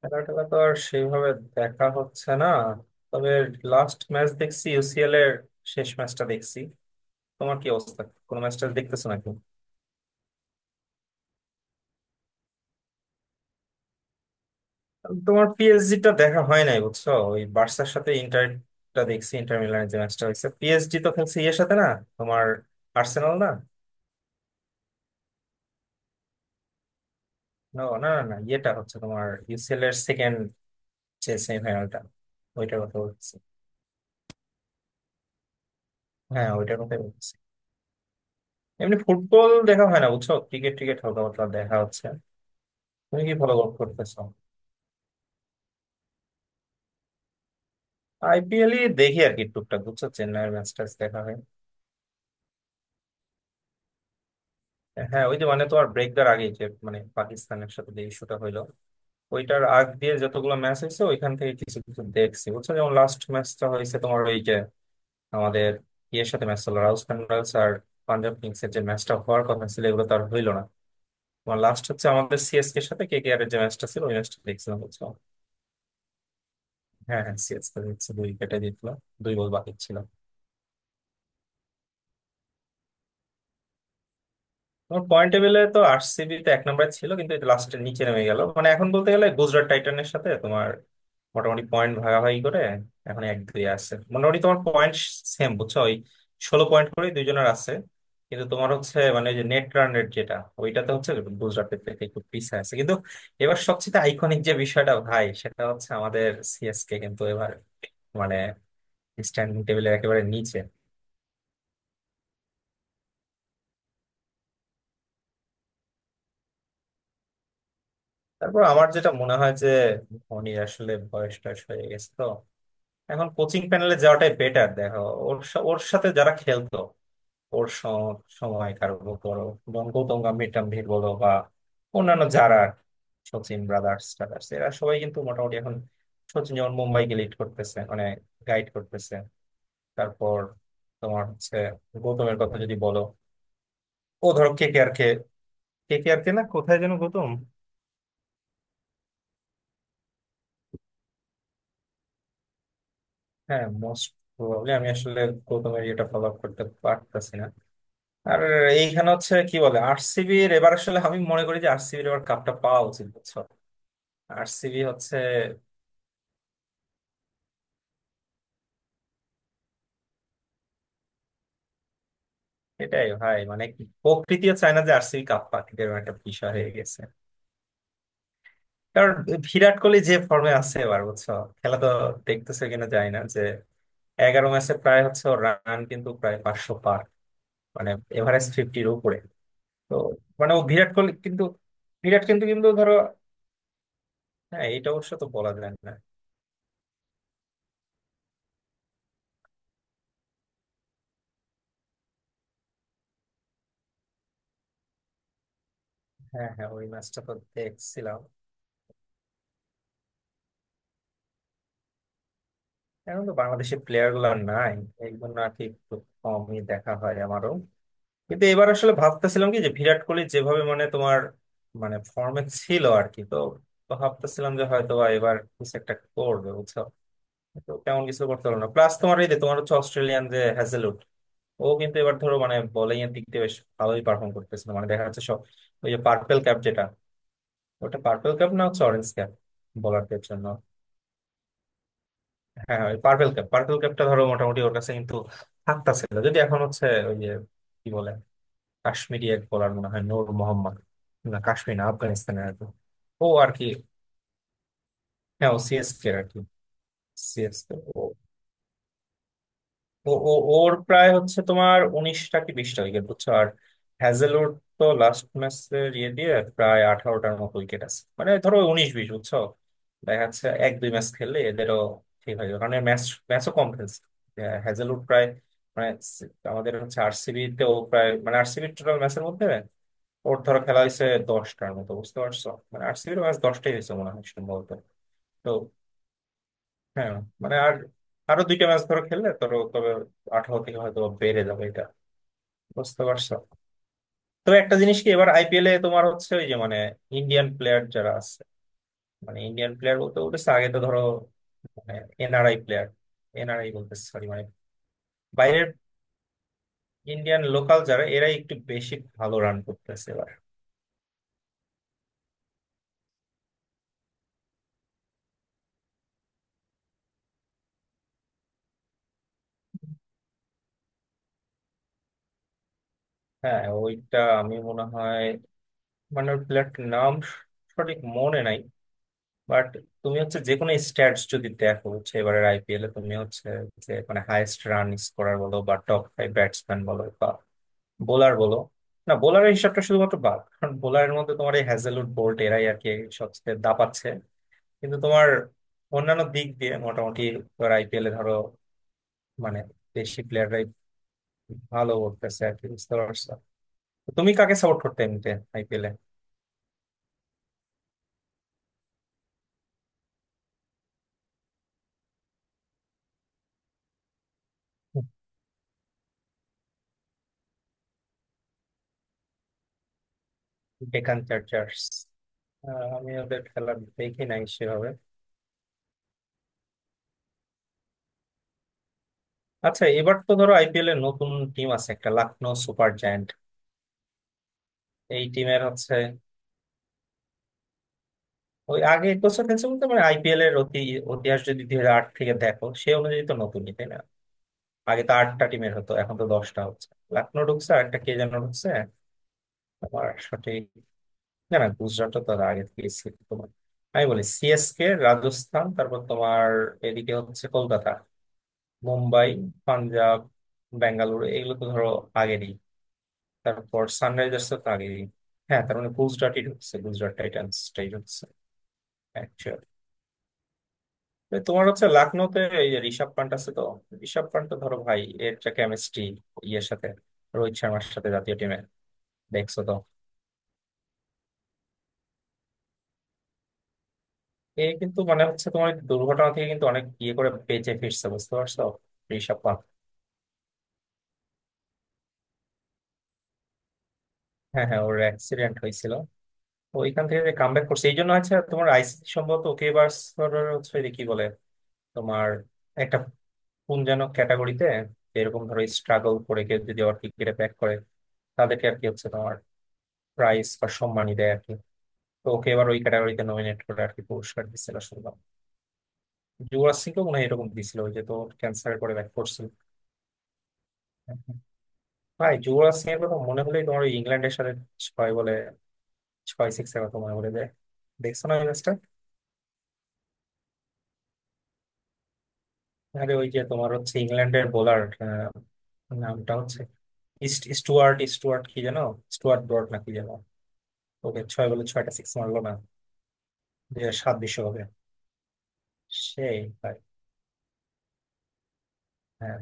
খেলা টেলা তো আর সেইভাবে দেখা হচ্ছে না, তবে লাস্ট ম্যাচ দেখছি ইউসিএল এর শেষ ম্যাচটা দেখছি। তোমার কি অবস্থা? কোনো ম্যাচটা দেখতেছো নাকি? তোমার পিএসজি টা দেখা হয় নাই বুঝছো, ওই বার্সার সাথে ইন্টারটা দেখছি, ইন্টার মিলানের যে ম্যাচটা হয়েছে। পিএসজি তো খেলছে ইয়ের সাথে না, তোমার আর্সেনাল না? না না না না, ইয়েটা হচ্ছে তোমার ইউসিএল এর সেকেন্ড যে সেমিফাইনালটা, ওইটার কথা বলছি। হ্যাঁ, ওইটার কথাই বলছি। এমনি ফুটবল দেখা হয় না বুঝছো, ক্রিকেট ক্রিকেট হালকা পাতলা দেখা হচ্ছে। তুমি কি ফলো করতেছো? আইপিএল ই দেখি আর কি, টুকটাক বুঝছো, চেন্নাইয়ের ম্যাচ ট্যাচ দেখা হয়। হ্যাঁ ওই যে মানে তোমার ব্রেক দেওয়ার আগে যে মানে পাকিস্তানের সাথে যে ইস্যুটা হইলো, ওইটার আগ দিয়ে যতগুলো ম্যাচ হয়েছে ওইখান থেকে কিছু কিছু দেখছি বুঝছো। যেমন লাস্ট ম্যাচটা হয়েছে তোমার ওই যে আমাদের ইয়ের সাথে ম্যাচ হলো, রাজস্থান রয়্যালস আর পাঞ্জাব কিংস এর যে ম্যাচটা হওয়ার কথা ছিল, এগুলো তো আর হইলো না। তোমার লাস্ট হচ্ছে আমাদের সিএসকে এর সাথে কেকেআর এর যে ম্যাচটা ছিল, ওই ম্যাচটা দেখছিলাম বুঝছো। হ্যাঁ হ্যাঁ, সিএসকে দেখছি দুই উইকেটে জিতলো, দুই বল বাকি ছিল। তোমার পয়েন্ট টেবিলে তো আরসিবি তো এক নম্বরে ছিল, কিন্তু এটা লাস্টের নিচে নেমে গেল। মানে এখন বলতে গেলে গুজরাট টাইটানের সাথে তোমার মোটামুটি পয়েন্ট ভাগাভাগি করে, এখন এক দুই আছে। মোটামুটি তোমার পয়েন্ট সেম বুঝছো, ওই 16 পয়েন্ট করে দুইজনের আছে। কিন্তু তোমার হচ্ছে মানে যে নেট রান রেট যেটা, ওইটাতে হচ্ছে গুজরাটের থেকে একটু পিছিয়ে আছে। কিন্তু এবার সবচেয়ে আইকনিক যে বিষয়টা ভাই, সেটা হচ্ছে আমাদের সিএসকে কিন্তু এবার মানে স্ট্যান্ডিং টেবিলের একেবারে নিচে। তারপর আমার যেটা মনে হয় যে ধোনির আসলে বয়স টয়স হয়ে গেছে তো, এখন কোচিং প্যানেলে যাওয়াটাই বেটার দেখো। ওর সাথে যারা খেলতো, ওর স- সময় কারো বলো, গৌতম মিড টার্ম ভিড় বলো বা অন্যান্য যারা আর কি, সচিন ব্রাদার্স টাদার্স, এরা সবাই কিন্তু মোটামুটি এখন, সচিন যেমন মুম্বাইকে লিড করতেছে মানে গাইড করতেছে। তারপর তোমার হচ্ছে গৌতমের কথা যদি বলো, ও ধরো কে কে আর কে, কে কে আর কে না, কোথায় যেন গৌতম। হ্যাঁ, মোস্ট প্রবাবলি, আমি আসলে গৌতমের ইয়েটা ফলো আপ করতে পারতেছি না। আর এইখানে হচ্ছে কি বলে আরসিবি এর এবার, আসলে আমি মনে করি যে আরসিবি এবার কাপটা পাওয়া উচিত বুঝছো। আরসিবি হচ্ছে, এটাই ভাই মানে কি, প্রকৃতিও চায় না যে আরসিবি কাপ পাক, এরকম একটা বিষয় হয়ে গেছে। কারণ বিরাট কোহলি যে ফর্মে আছে এবার বুঝছো, খেলা তো দেখতেছে কিনা, যায় না যে 11 ম্যাচে প্রায় হচ্ছে রান কিন্তু প্রায় 500 পার। মানে এভারেজ 50'র উপরে, তো মানে ও বিরাট কোহলি কিন্তু। বিরাট কিন্তু কিন্তু ধরো, হ্যাঁ এটা অবশ্য তো বলা যায় না। হ্যাঁ হ্যাঁ, ওই ম্যাচটা তো দেখছিলাম। এখন তো বাংলাদেশের প্লেয়ার গুলো আর নাই, এই জন্য আর কি একটু কমই দেখা হয় আমারও। কিন্তু এবার আসলে ভাবতেছিলাম কি, যে বিরাট কোহলি যেভাবে মানে তোমার মানে ফর্মে ছিল আর কি, তো তো ভাবতেছিলাম যে হয়তো বা এবার কিছু একটা করবে বুঝছো। তো তেমন কিছু করতে পারলো না, প্লাস তোমার এই যে তোমার হচ্ছে অস্ট্রেলিয়ান যে হ্যাজেলউড, ও কিন্তু এবার ধরো মানে বোলিং এর দিক দিয়ে বেশ ভালোই পারফর্ম করতেছিল। মানে দেখা যাচ্ছে সব, ওই যে পার্পেল ক্যাপ যেটা। ওটা পার্পেল ক্যাপ না, হচ্ছে অরেঞ্জ ক্যাপ, বোলারদের জন্য। হ্যাঁ হ্যাঁ, ওই পার্পেল ক্যাপ, পার্পেল ক্যাপটা ধরো মোটামুটি ওর কাছে কিন্তু হাতটা ছিল। যদি এখন হচ্ছে ওই যে কি বলে, কাশ্মীরি এক বলার, মনে হয় নূর মোহাম্মদ। না কাশ্মীর না, আফগানিস্তানের আর কি। ও আর কি, হ্যাঁ ও সিএসকে আর কি। সিএসকে, ও ও- ওর প্রায় হচ্ছে তোমার 19টা কি 20টা উইকেট বুঝছো। আর হ্যাজেলউড তো লাস্ট ম্যাচের ইয়ে দিয়ে প্রায় 18টার মতো উইকেট আছে, মানে ধরো 19 20 বুঝছো। দেখা যাচ্ছে এক দুই ম্যাচ খেললে এদেরও ঠিক হয়ে যাবে, কারণ ম্যাচও কম খেলছে। আহ, হ্যাজেলউড প্রায় মানে আমাদের হচ্ছে আরসিবি তেও প্রায়, মানে আরসিবি টোটাল ম্যাচের মধ্যে ওর ধরো খেলা হয়েছে 10টার মতো বুঝতে পারছো। মানে আরসিবির ম্যাচ 10টাই হয়েছে মনে হয় সম্ভবত। হ্যাঁ মানে, আর আরো 2টা ম্যাচ ধরো খেললে ধরো, তবে 18 থেকে হয়তো বেড়ে যাবে এটা বুঝতে পারছো। তো একটা জিনিস কি, এবার আইপিএল এ তোমার হচ্ছে ওই যে মানে ইন্ডিয়ান প্লেয়ার যারা আছে, মানে ইন্ডিয়ান প্লেয়ার বলতে বলতেছে আগে তো ধরো মানে এনআরআই প্লেয়ার। এনআরআই বলতেছে, সরি, মানে বাইরের। ইন্ডিয়ান লোকাল যারা, এরাই একটু বেশি ভালো রান করতেছে এবার। হ্যাঁ ওইটা আমি মনে হয়, মানে প্লেয়ারটির নাম সঠিক মনে নাই। বাট তুমি হচ্ছে যে কোনো স্ট্যাটস যদি দেখো, হচ্ছে এবারের আইপিএল এ তুমি হচ্ছে যে মানে হাইয়েস্ট রান স্কোরার বলো বা টপ ফাইভ ব্যাটসম্যান বলো বা বোলার বলো, না বোলারের হিসাবটা শুধুমাত্র বাদ, কারণ বোলারের মধ্যে তোমার এই হ্যাজেলউড বোল্ট এরাই আর কি সবচেয়ে দাপাচ্ছে। কিন্তু তোমার অন্যান্য দিক দিয়ে মোটামুটি তোমার আইপিএল এ ধরো মানে দেশি প্লেয়াররাই ভালো করতেছে আর কি বুঝতে পারছো। তো তুমি কাকে সাপোর্ট করতে এমনিতে আইপিএল এ? Deccan Chargers? আহ, আমি ওদের খেলা দেখি নাই সেভাবে। আচ্ছা, এবার তো ধরো আইপিএল এর নতুন টিম আছে একটা, লখনৌ সুপার জায়ান্ট। এই টিমের হচ্ছে, ওই আগে বছর খেলছে বলতে মানে আইপিএল এর অতি ইতিহাস যদি 2008 থেকে দেখো, সেই অনুযায়ী তো নতুনই তাই না? আগে তো 8টা টিমের হতো, এখন তো 10টা হচ্ছে। লখনৌ ঢুকছে আর একটা কে যেন ঢুকছে, আমার সঠিক। না না, গুজরাটও তো আগে থেকে ছিল তোমার, আমি বলি সিএসকে, রাজস্থান, তারপর তোমার এদিকে হচ্ছে কলকাতা, মুম্বাই, পাঞ্জাব, বেঙ্গালুরু, এগুলো তো ধরো আগেরই। তারপর সানরাইজার্স তো আগেই। হ্যাঁ, তার মানে গুজরাটই ঢুকছে, গুজরাট টাইটান্স টাই ঢুকছে। অ্যাকচুয়ালি তোমার হচ্ছে লখনৌতে এই যে ঋষভ পান্ট আছে তো, ঋষভ পান্ট তো ধরো ভাই এর যে কেমিস্ট্রি ইয়ের সাথে রোহিত শর্মার সাথে জাতীয় টিমে দেখছো তো, এ কিন্তু মানে হচ্ছে তোমার এই দুর্ঘটনা থেকে কিন্তু অনেক ইয়ে করে বেঁচে ফিরছে বুঝতে পারছো, ঋষভ পান্ট। হ্যাঁ হ্যাঁ, ওর অ্যাক্সিডেন্ট হয়েছিল, ওইখান থেকে যে কামব্যাক করছে, এই জন্য হচ্ছে তোমার আইসিসি সম্ভবত ওকে এবার হচ্ছে যে কি বলে তোমার একটা কোন যেন ক্যাটাগরিতে, এরকম ধরো স্ট্রাগল করে কেউ যদি আবার ক্রিকেটে ব্যাক করে তাদেরকে আর কি হচ্ছে তোমার প্রাইজ বা সম্মানই দেয় আর কি, তো ওকে এবার ওই ক্যাটাগরিতে নমিনেট করে আর কি পুরস্কার দিচ্ছিল শুনলাম। যুবরাজ সিংকেও মনে হয় এরকম দিছিল, ওই যে তো ক্যান্সার করে ব্যাক করছিল। ভাই, যুবরাজ সিং এর কথা মনে হলেই তোমার ওই ইংল্যান্ডের সাথে ছয় বলে ছয় সিক্স এর কথা মনে পড়ে যায়। দেখছো না ওই ম্যাচটা, আরে ওই যে তোমার হচ্ছে ইংল্যান্ডের বোলার, নামটা হচ্ছে ইস্ট স্টুয়ার্ট, স্টুয়ার্ট কি যেন, স্টুয়ার্ট ব্রড না কি যেন, ওকে 6 বলে 6টা সিক্স মারলো না, 2007 বিশ্বকাপে। সেই ভাই, হ্যাঁ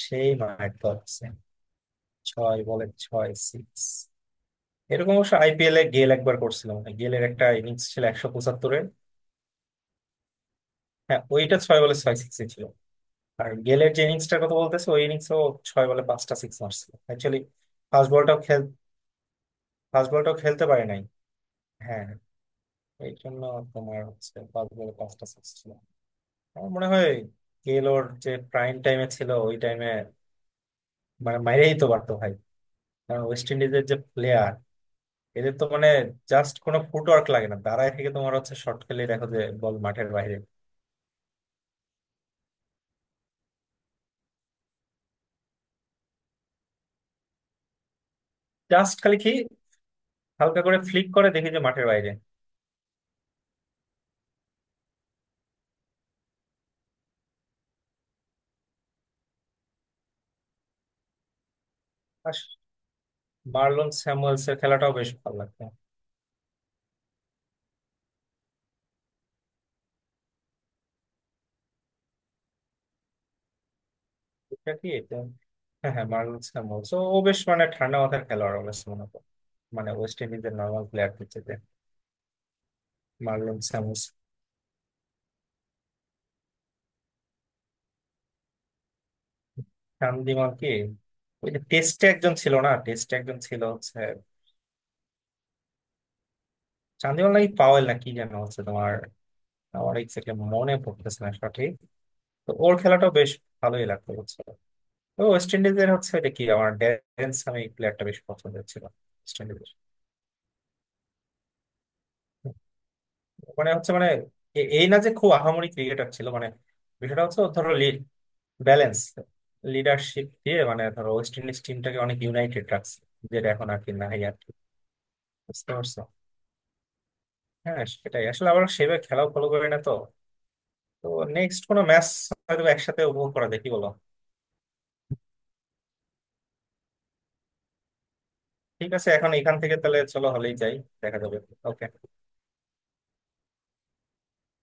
সেই মাঠ ধরছে, 6 বলে 6 সিক্স। এরকম অবশ্য আইপিএল এ গেল একবার করছিলাম, মানে গেলের একটা ইনিংস ছিল 175'র। হ্যাঁ ওইটা 6 বলে 6 সিক্স ছিল। আর গেলের যে ইনিংসটার কথা বলতেছে, ওই ইনিংসও ছয় বলে 5টা সিক্স মারছিল অ্যাকচুয়ালি। ফার্স্ট বলটাও খেল, ফার্স্ট বলটাও খেলতে পারে নাই। হ্যাঁ এই জন্য তোমার হচ্ছে ফার্স্ট বলে 5টা সিক্স ছিল। আমার মনে হয় গেল ওর যে প্রাইম টাইমে ছিল ওই টাইমে মানে মাইরেই তো পারতো ভাই। কারণ ওয়েস্ট ইন্ডিজের যে প্লেয়ার, এদের তো মানে জাস্ট কোনো ফুটওয়ার্ক লাগে না, দাঁড়ায় থেকে তোমার হচ্ছে শর্ট খেলে দেখো যে বল মাঠের বাইরে। জাস্ট খালি কি হালকা করে ফ্লিক করে দেখি যে মাঠের বাইরে। আর মার্লন স্যামুয়েলস এর খেলাটাও বেশ ভালো লাগতো। এটা কি এটা, হ্যাঁ হ্যাঁ মার্লন স্যামুয়েলস, ও ও বেশ মানে ঠান্ডা মাথার খেলোয়াড়, ও বেশ মনে করো মানে ওয়েস্ট ইন্ডিজের নর্মাল প্লেয়ারদের চেয়ে, মার্লন স্যামুয়েলস। চান্দিমাল কি ওই যে টেস্টে একজন ছিল না, টেস্টে একজন ছিল হচ্ছে, চান্দিমাল নাকি পাওয়েল না কি যেন হচ্ছে তোমার, আমার এক্স্যাক্টলি মনে পড়তেছে না সঠিক। তো ওর খেলাটাও বেশ ভালোই লাগতো বুঝছো। তো ওয়েস্ট ইন্ডিজের হচ্ছে এটা কি আমার ড্যারেন সামি প্লেয়ারটা বেশ পছন্দের ছিল, ওয়েস্ট ইন্ডিজের। মানে হচ্ছে মানে এই না যে খুব আহামরি ক্রিকেটার ছিল, মানে বিষয়টা হচ্ছে ওর ধরো লিড, ব্যালেন্স, লিডারশিপ দিয়ে মানে ধরো ওয়েস্ট ইন্ডিজ টিমটাকে অনেক ইউনাইটেড রাখছে, যেটা এখন আর কি নাই আর কি, বুঝতে পারছো। হ্যাঁ, সেটাই আসলে, আবার সেভাবে খেলাও ফলো করি না তো, তো নেক্সট কোনো ম্যাচ হয়তো একসাথে উপভোগ করা দেখি, বলো। ঠিক আছে, এখন এখান থেকে তাহলে চলো হলেই যাই, দেখা যাবে। ওকে।